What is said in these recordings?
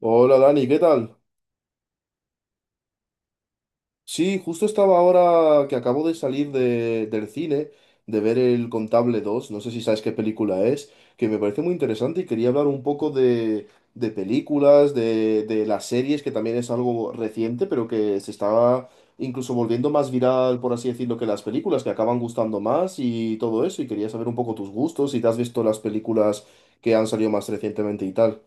Hola Dani, ¿qué tal? Sí, justo estaba ahora que acabo de salir del cine, de ver El Contable dos. No sé si sabes qué película es, que me parece muy interesante y quería hablar un poco de películas, de las series, que también es algo reciente, pero que se estaba incluso volviendo más viral, por así decirlo, que las películas, que acaban gustando más y todo eso, y quería saber un poco tus gustos, si te has visto las películas que han salido más recientemente y tal.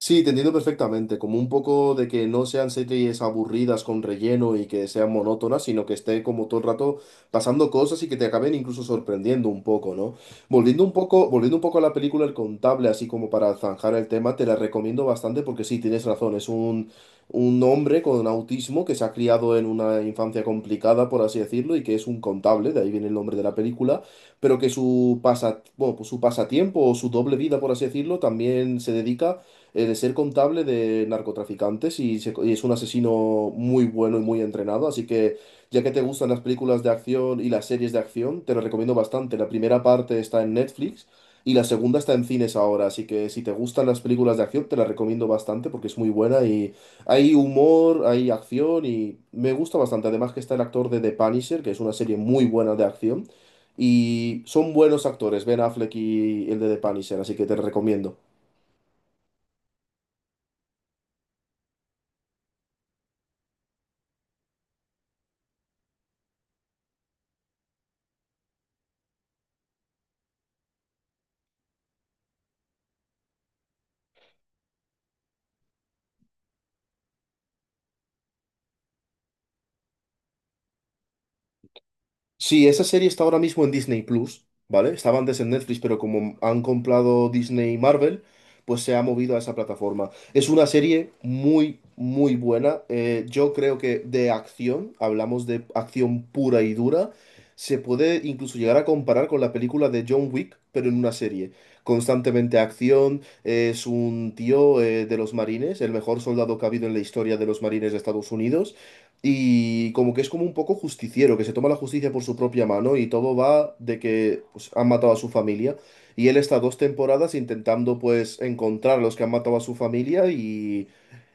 Sí, te entiendo perfectamente, como un poco de que no sean series aburridas con relleno y que sean monótonas, sino que esté como todo el rato pasando cosas y que te acaben incluso sorprendiendo un poco, ¿no? Volviendo un poco a la película El Contable, así como para zanjar el tema, te la recomiendo bastante porque sí, tienes razón, un hombre con autismo que se ha criado en una infancia complicada, por así decirlo, y que es un contable, de ahí viene el nombre de la película, pero que su pasa, bueno, pues su pasatiempo o su doble vida, por así decirlo, también se dedica, de ser contable de narcotraficantes y, y es un asesino muy bueno y muy entrenado. Así que, ya que te gustan las películas de acción y las series de acción, te lo recomiendo bastante. La primera parte está en Netflix y la segunda está en cines ahora. Así que, si te gustan las películas de acción, te la recomiendo bastante porque es muy buena y hay humor, hay acción y me gusta bastante. Además, que está el actor de The Punisher, que es una serie muy buena de acción. Y son buenos actores, Ben Affleck y el de The Punisher, así que te recomiendo. Sí, esa serie está ahora mismo en Disney Plus, ¿vale? Estaba antes en Netflix, pero como han comprado Disney y Marvel, pues se ha movido a esa plataforma. Es una serie muy, muy buena. Yo creo que de acción, hablamos de acción pura y dura, se puede incluso llegar a comparar con la película de John Wick, pero en una serie. Constantemente acción, es un tío de los marines, el mejor soldado que ha habido en la historia de los marines de Estados Unidos, y como que es como un poco justiciero, que se toma la justicia por su propia mano y todo va de que pues, han matado a su familia. Y él está dos temporadas intentando pues encontrar a los que han matado a su familia y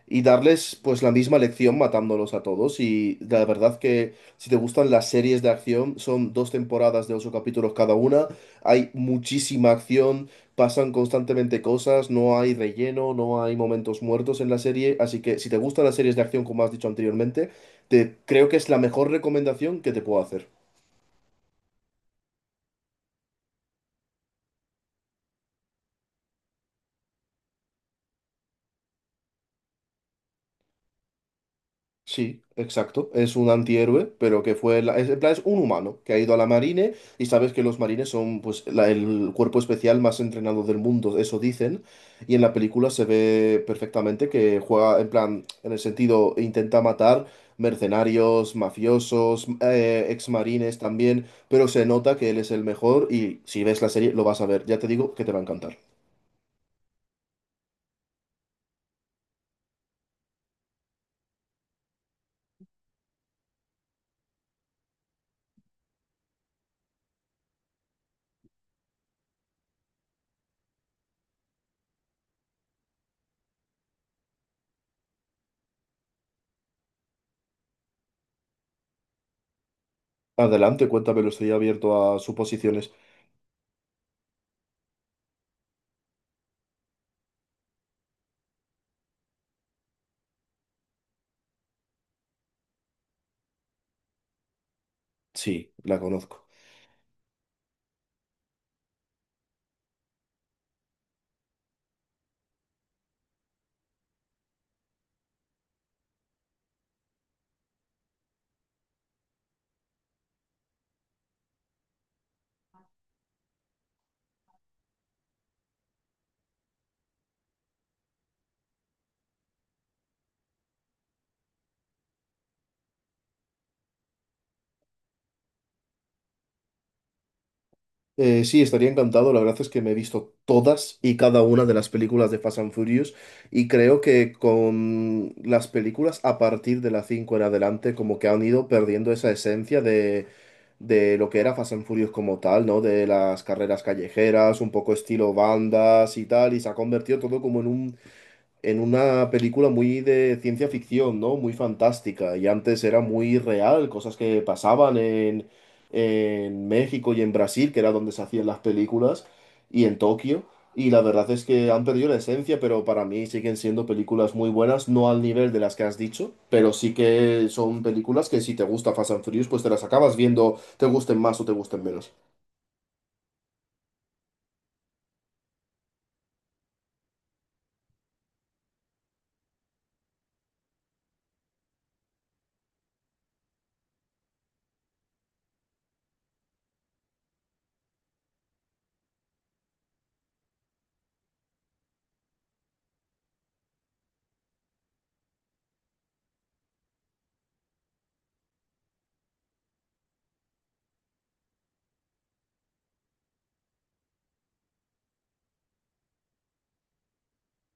darles pues la misma lección matándolos a todos. Y la verdad que si te gustan las series de acción, son dos temporadas de ocho capítulos cada una, hay muchísima acción, pasan constantemente cosas, no hay relleno, no hay momentos muertos en la serie, así que si te gustan las series de acción como has dicho anteriormente, te creo que es la mejor recomendación que te puedo hacer. Sí, exacto. Es un antihéroe, pero que fue... La... Es, en plan, es un humano que ha ido a la marine y sabes que los marines son pues el cuerpo especial más entrenado del mundo, eso dicen. Y en la película se ve perfectamente que juega, en plan, en el sentido, intenta matar mercenarios, mafiosos, exmarines también, pero se nota que él es el mejor y si ves la serie lo vas a ver. Ya te digo que te va a encantar. Adelante, cuéntame, lo estoy abierto a suposiciones. Sí, la conozco. Sí, estaría encantado. La verdad es que me he visto todas y cada una de las películas de Fast and Furious y creo que con las películas a partir de la 5 en adelante como que han ido perdiendo esa esencia de lo que era Fast and Furious como tal, ¿no? De las carreras callejeras, un poco estilo bandas y tal, y se ha convertido todo como en un en una película muy de ciencia ficción, ¿no? Muy fantástica. Y antes era muy real, cosas que pasaban en México y en Brasil, que era donde se hacían las películas, y en Tokio. Y la verdad es que han perdido la esencia, pero para mí siguen siendo películas muy buenas, no al nivel de las que has dicho, pero sí que son películas que si te gusta Fast and Furious, pues te las acabas viendo, te gusten más o te gusten menos.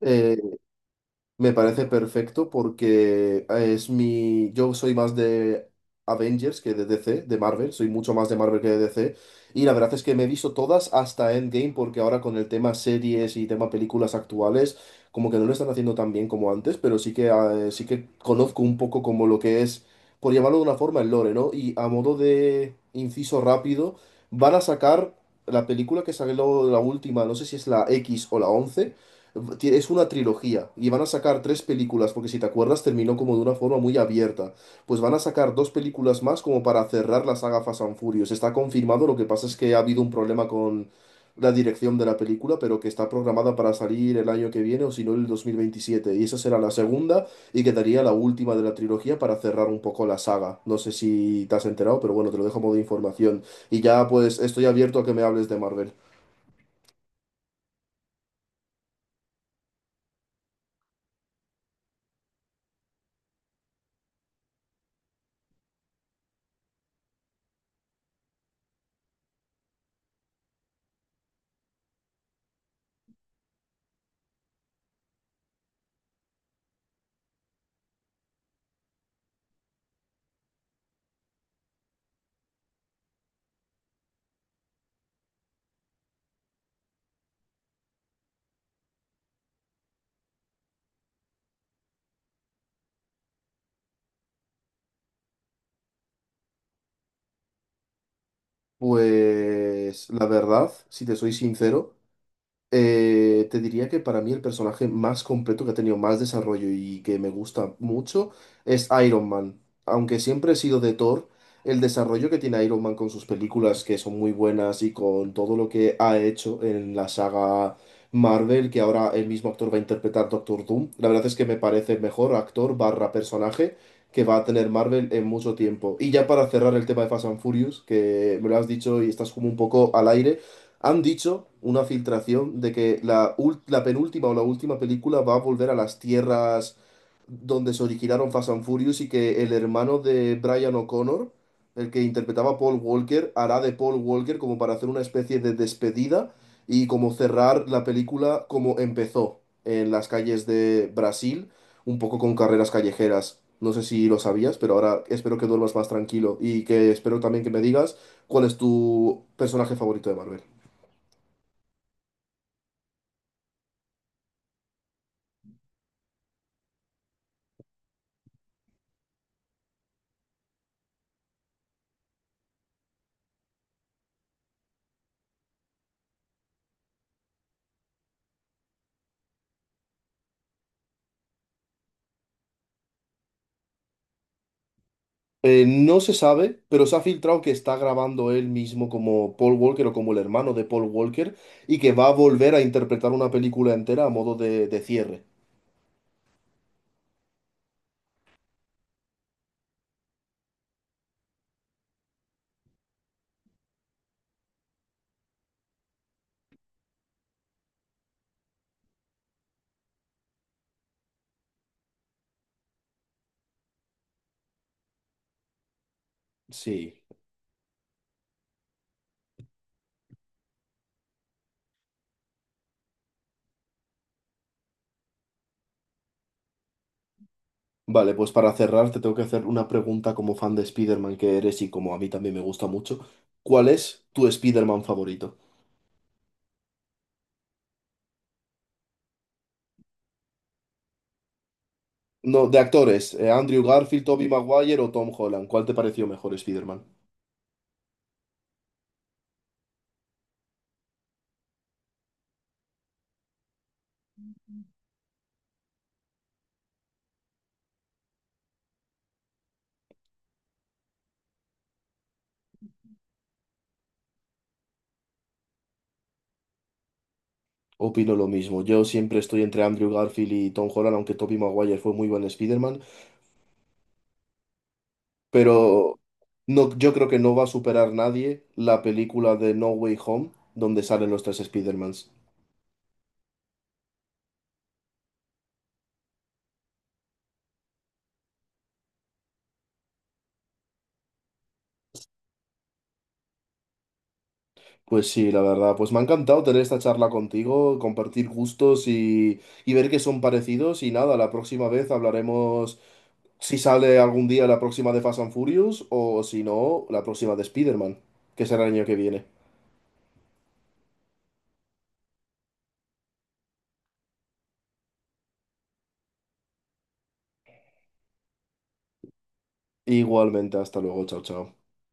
Eh, Me parece perfecto porque es mi. Yo soy más de Avengers que de DC, de Marvel. Soy mucho más de Marvel que de DC. Y la verdad es que me he visto todas hasta Endgame, porque ahora con el tema series y tema películas actuales, como que no lo están haciendo tan bien como antes, pero sí que conozco un poco como lo que es, por llamarlo de una forma, el lore, ¿no? Y a modo de inciso rápido, van a sacar la película que salió la última, no sé si es la X o la once, es una trilogía y van a sacar tres películas, porque si te acuerdas terminó como de una forma muy abierta. Pues van a sacar dos películas más como para cerrar la saga Fast and Furious. Está confirmado, lo que pasa es que ha habido un problema con la dirección de la película, pero que está programada para salir el año que viene o si no el 2027. Y esa será la segunda y quedaría la última de la trilogía para cerrar un poco la saga. No sé si te has enterado, pero bueno, te lo dejo a modo de información. Y ya pues estoy abierto a que me hables de Marvel. Pues la verdad, si te soy sincero, te diría que para mí el personaje más completo que ha tenido más desarrollo y que me gusta mucho es Iron Man. Aunque siempre he sido de Thor, el desarrollo que tiene Iron Man con sus películas que son muy buenas y con todo lo que ha hecho en la saga Marvel, que ahora el mismo actor va a interpretar Doctor Doom, la verdad es que me parece el mejor actor barra personaje que va a tener Marvel en mucho tiempo. Y ya para cerrar el tema de Fast and Furious, que me lo has dicho y estás como un poco al aire. Han dicho una filtración de que la penúltima o la última película va a volver a las tierras donde se originaron Fast and Furious y que el hermano de Brian O'Connor, el que interpretaba a Paul Walker, hará de Paul Walker como para hacer una especie de despedida y como cerrar la película como empezó en las calles de Brasil, un poco con carreras callejeras. No sé si lo sabías, pero ahora espero que duermas más tranquilo y que espero también que me digas cuál es tu personaje favorito de Marvel. No se sabe, pero se ha filtrado que está grabando él mismo como Paul Walker o como el hermano de Paul Walker y que va a volver a interpretar una película entera a modo de cierre. Sí. Vale, pues para cerrar te tengo que hacer una pregunta como fan de Spider-Man que eres y como a mí también me gusta mucho. ¿Cuál es tu Spider-Man favorito? No, de actores, Andrew Garfield, Tobey Maguire o Tom Holland. ¿Cuál te pareció mejor Spider-Man? Opino lo mismo. Yo siempre estoy entre Andrew Garfield y Tom Holland, aunque Tobey Maguire fue muy buen Spider-Man. Pero no, yo creo que no va a superar nadie la película de No Way Home, donde salen los tres Spider-Mans. Pues sí, la verdad, pues me ha encantado tener esta charla contigo, compartir gustos y ver que son parecidos. Y nada, la próxima vez hablaremos si sale algún día la próxima de Fast and Furious o si no, la próxima de Spider-Man, que será el año que viene. Igualmente, hasta luego, chao, chao.